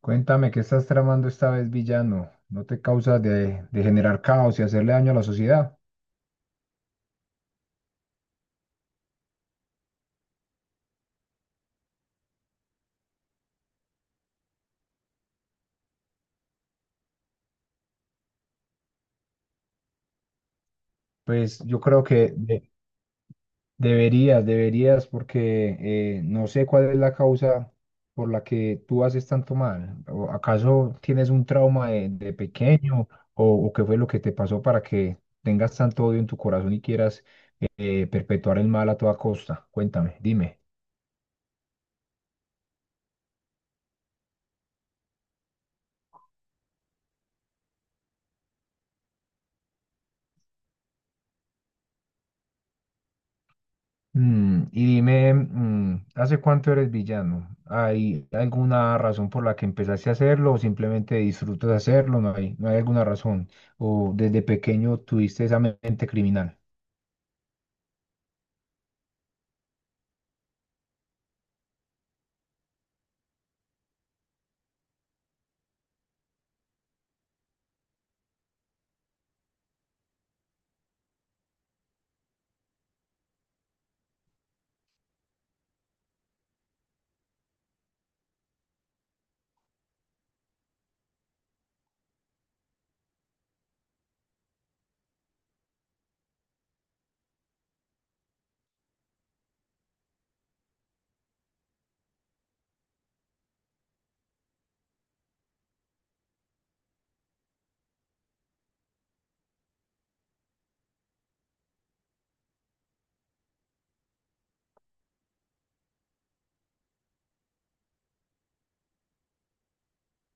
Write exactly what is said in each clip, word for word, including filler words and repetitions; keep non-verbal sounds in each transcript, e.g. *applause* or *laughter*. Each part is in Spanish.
Cuéntame, ¿qué estás tramando esta vez, villano? ¿No te causa de, de generar caos y hacerle daño a la sociedad? Pues yo creo que de- deberías, deberías, porque eh, no sé cuál es la causa por la que tú haces tanto mal. ¿O acaso tienes un trauma de, de pequeño o, o qué fue lo que te pasó para que tengas tanto odio en tu corazón y quieras eh, perpetuar el mal a toda costa? Cuéntame, dime. Mm, y dime, mm, ¿hace cuánto eres villano? ¿Hay alguna razón por la que empezaste a hacerlo o simplemente disfrutas hacerlo? No hay, no hay alguna razón. ¿O desde pequeño tuviste esa mente criminal?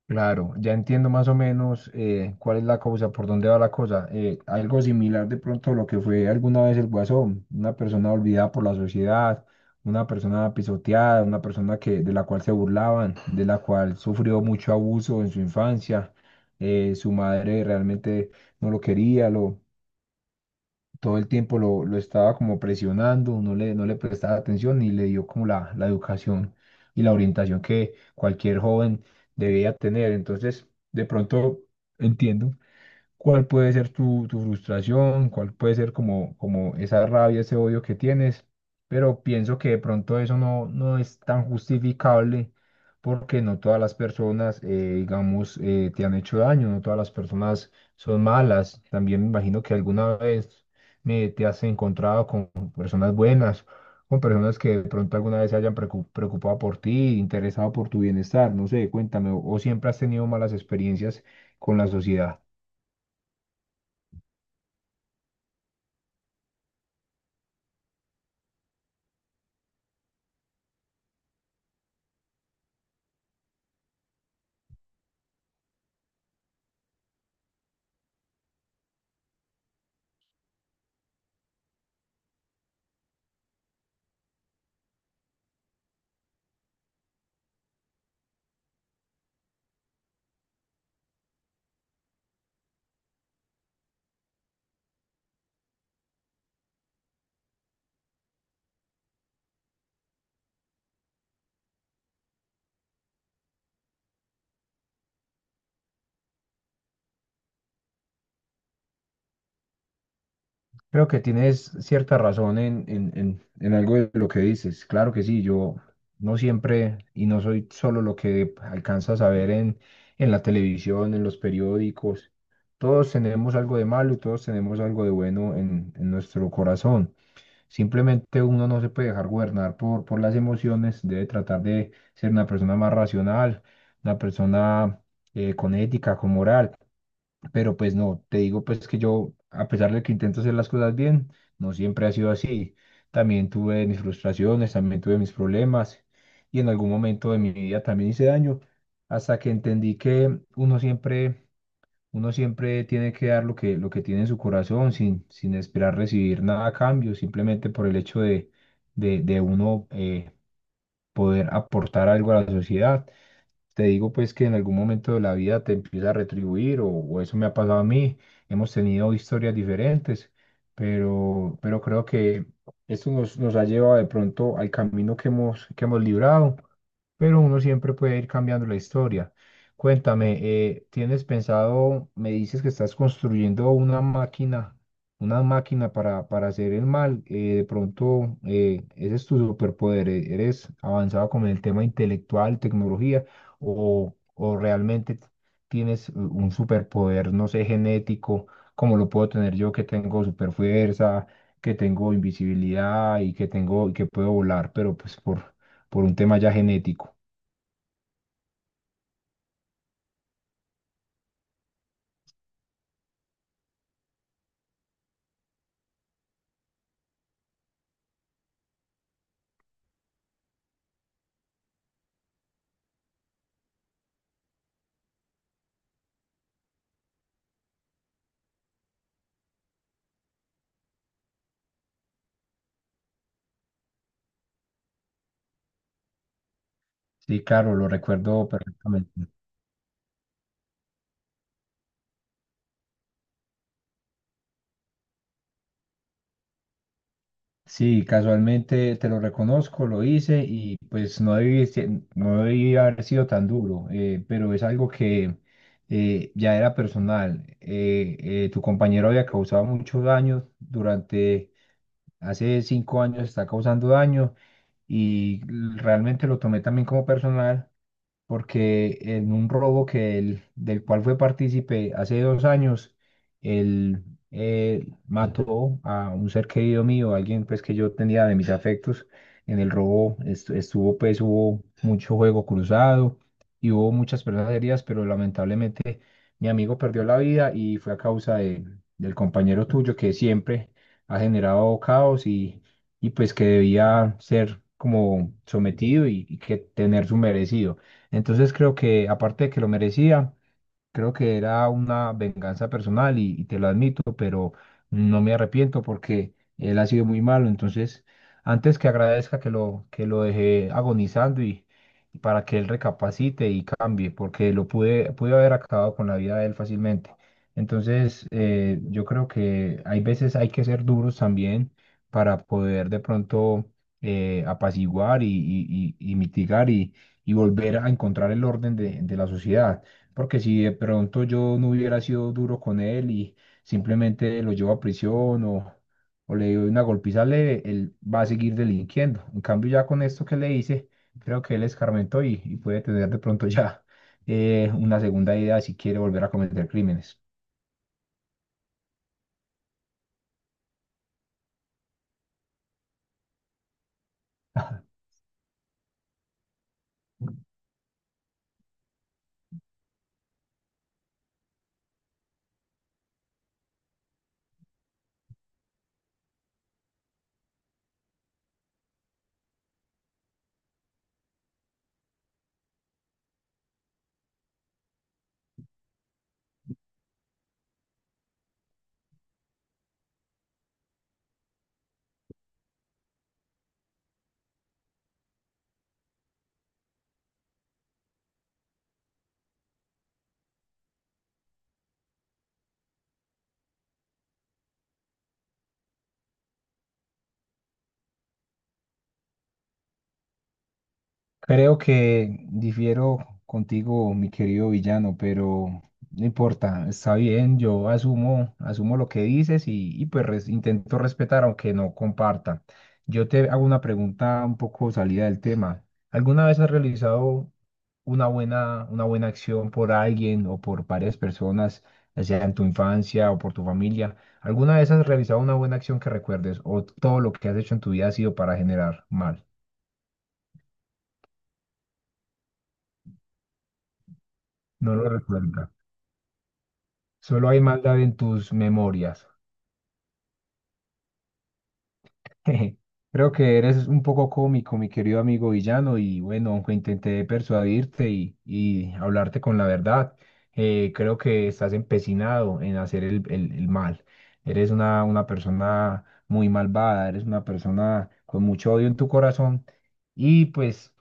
Claro, ya entiendo más o menos eh, cuál es la cosa, por dónde va la cosa. Eh, algo similar de pronto a lo que fue alguna vez el Guasón, una persona olvidada por la sociedad, una persona pisoteada, una persona que, de la cual se burlaban, de la cual sufrió mucho abuso en su infancia. Eh, su madre realmente no lo quería, lo, todo el tiempo lo, lo estaba como presionando, no le, no le prestaba atención y le dio como la, la educación y la orientación que cualquier joven debía tener. Entonces, de pronto entiendo cuál puede ser tu, tu frustración, cuál puede ser como, como esa rabia, ese odio que tienes, pero pienso que de pronto eso no, no es tan justificable porque no todas las personas, eh, digamos, eh, te han hecho daño, no todas las personas son malas. También me imagino que alguna vez me, te has encontrado con personas buenas, con personas que de pronto alguna vez se hayan precu- preocupado por ti, interesado por tu bienestar, no sé, cuéntame, o o siempre has tenido malas experiencias con la sociedad. Creo que tienes cierta razón en, en, en, en algo de lo que dices. Claro que sí, yo no siempre y no soy solo lo que alcanzas a ver en, en la televisión, en los periódicos. Todos tenemos algo de malo y todos tenemos algo de bueno en, en nuestro corazón. Simplemente uno no se puede dejar gobernar por, por las emociones, debe tratar de ser una persona más racional, una persona eh, con ética, con moral. Pero pues no, te digo pues que yo, a pesar de que intento hacer las cosas bien, no siempre ha sido así. También tuve mis frustraciones, también tuve mis problemas y en algún momento de mi vida también hice daño, hasta que entendí que uno siempre, uno siempre tiene que dar lo que, lo que tiene en su corazón sin, sin esperar recibir nada a cambio, simplemente por el hecho de, de, de uno eh, poder aportar algo a la sociedad. Te digo pues que en algún momento de la vida te empieza a retribuir o, o eso me ha pasado a mí. Hemos tenido historias diferentes, pero, pero creo que esto nos, nos ha llevado de pronto al camino que hemos, que hemos librado pero uno siempre puede ir cambiando la historia. Cuéntame, eh, ¿tienes pensado, me dices que estás construyendo una máquina, una máquina para, para hacer el mal? Eh, de pronto, eh, ese es tu superpoder, e- ¿eres avanzado con el tema intelectual, tecnología, o, o realmente tienes u- un superpoder, no sé, genético, como lo puedo tener yo, que tengo superfuerza, que tengo invisibilidad y que tengo, y que puedo volar, pero pues por, por un tema ya genético? Sí, claro, lo recuerdo perfectamente. Sí, casualmente te lo reconozco, lo hice y pues no debí, se- no debí haber sido tan duro, eh, pero es algo que eh, ya era personal. Eh, eh, tu compañero había causado mucho daño durante, hace cinco años está causando daño y l- realmente lo tomé también como personal porque en un robo que él- del cual fue partícipe hace dos años, él eh, mató a un ser querido mío, alguien pues que yo tenía de mis afectos. En el robo estu- estuvo pues hubo mucho juego cruzado y hubo muchas personas heridas, pero lamentablemente mi amigo perdió la vida y fue a causa de- del compañero tuyo que siempre ha generado caos y, y pues que debía ser como sometido y, y que tener su merecido. Entonces creo que aparte de que lo merecía, creo que era una venganza personal y, y te lo admito, pero no me arrepiento porque él ha sido muy malo. Entonces, antes que agradezca que lo, que lo dejé agonizando y, y para que él recapacite y cambie, porque lo pude, pude haber acabado con la vida de él fácilmente. Entonces, eh, yo creo que hay veces hay que ser duros también para poder de pronto eh, apaciguar y, y- y- y mitigar y, y volver a encontrar el orden de de la sociedad. Porque si de pronto yo no hubiera sido duro con él y simplemente lo llevo a prisión o, o le doy una golpiza leve, él va a seguir delinquiendo. En cambio, ya con esto que le hice, creo que él escarmentó y, y puede tener de pronto ya eh, una segunda idea si quiere volver a cometer crímenes. Creo que difiero contigo, mi querido villano, pero no importa, está bien, yo asumo, asumo lo que dices y, y pues res- intento respetar aunque no comparta. Yo te hago una pregunta un poco salida del tema. ¿Alguna vez has realizado una buena, una buena acción por alguien o por varias personas, ya sea en tu infancia o por tu familia? ¿Alguna vez has realizado una buena acción que recuerdes o todo lo que has hecho en tu vida ha sido para generar mal? No lo recuerdas. Solo hay maldad en tus memorias. *laughs* Creo que eres un poco cómico, mi querido amigo villano, y bueno, aunque intenté persuadirte y, y hablarte con la verdad, eh, creo que estás empecinado en hacer el, el- el mal. Eres una, una persona muy malvada, eres una persona con mucho odio en tu corazón y pues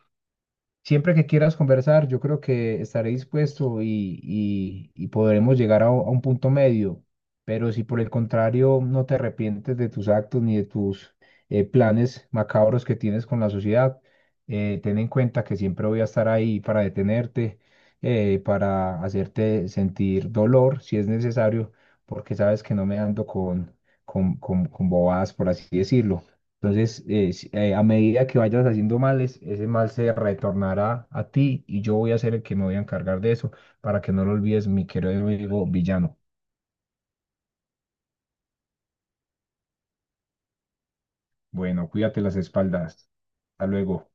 siempre que quieras conversar, yo creo que estaré dispuesto y, y- y podremos llegar a, u- a un punto medio. Pero si por el contrario no te arrepientes de tus actos ni de tus eh, planes macabros que tienes con la sociedad, eh, ten en cuenta que siempre voy a estar ahí para detenerte, eh, para hacerte sentir dolor si es necesario, porque sabes que no me ando con, con, con, con bobadas, por así decirlo. Entonces, eh, si- eh, a medida que vayas haciendo males, ese mal se retornará a ti y yo voy a ser el que me voy a encargar de eso para que no lo olvides, mi querido amigo villano. Bueno, cuídate las espaldas. Hasta luego.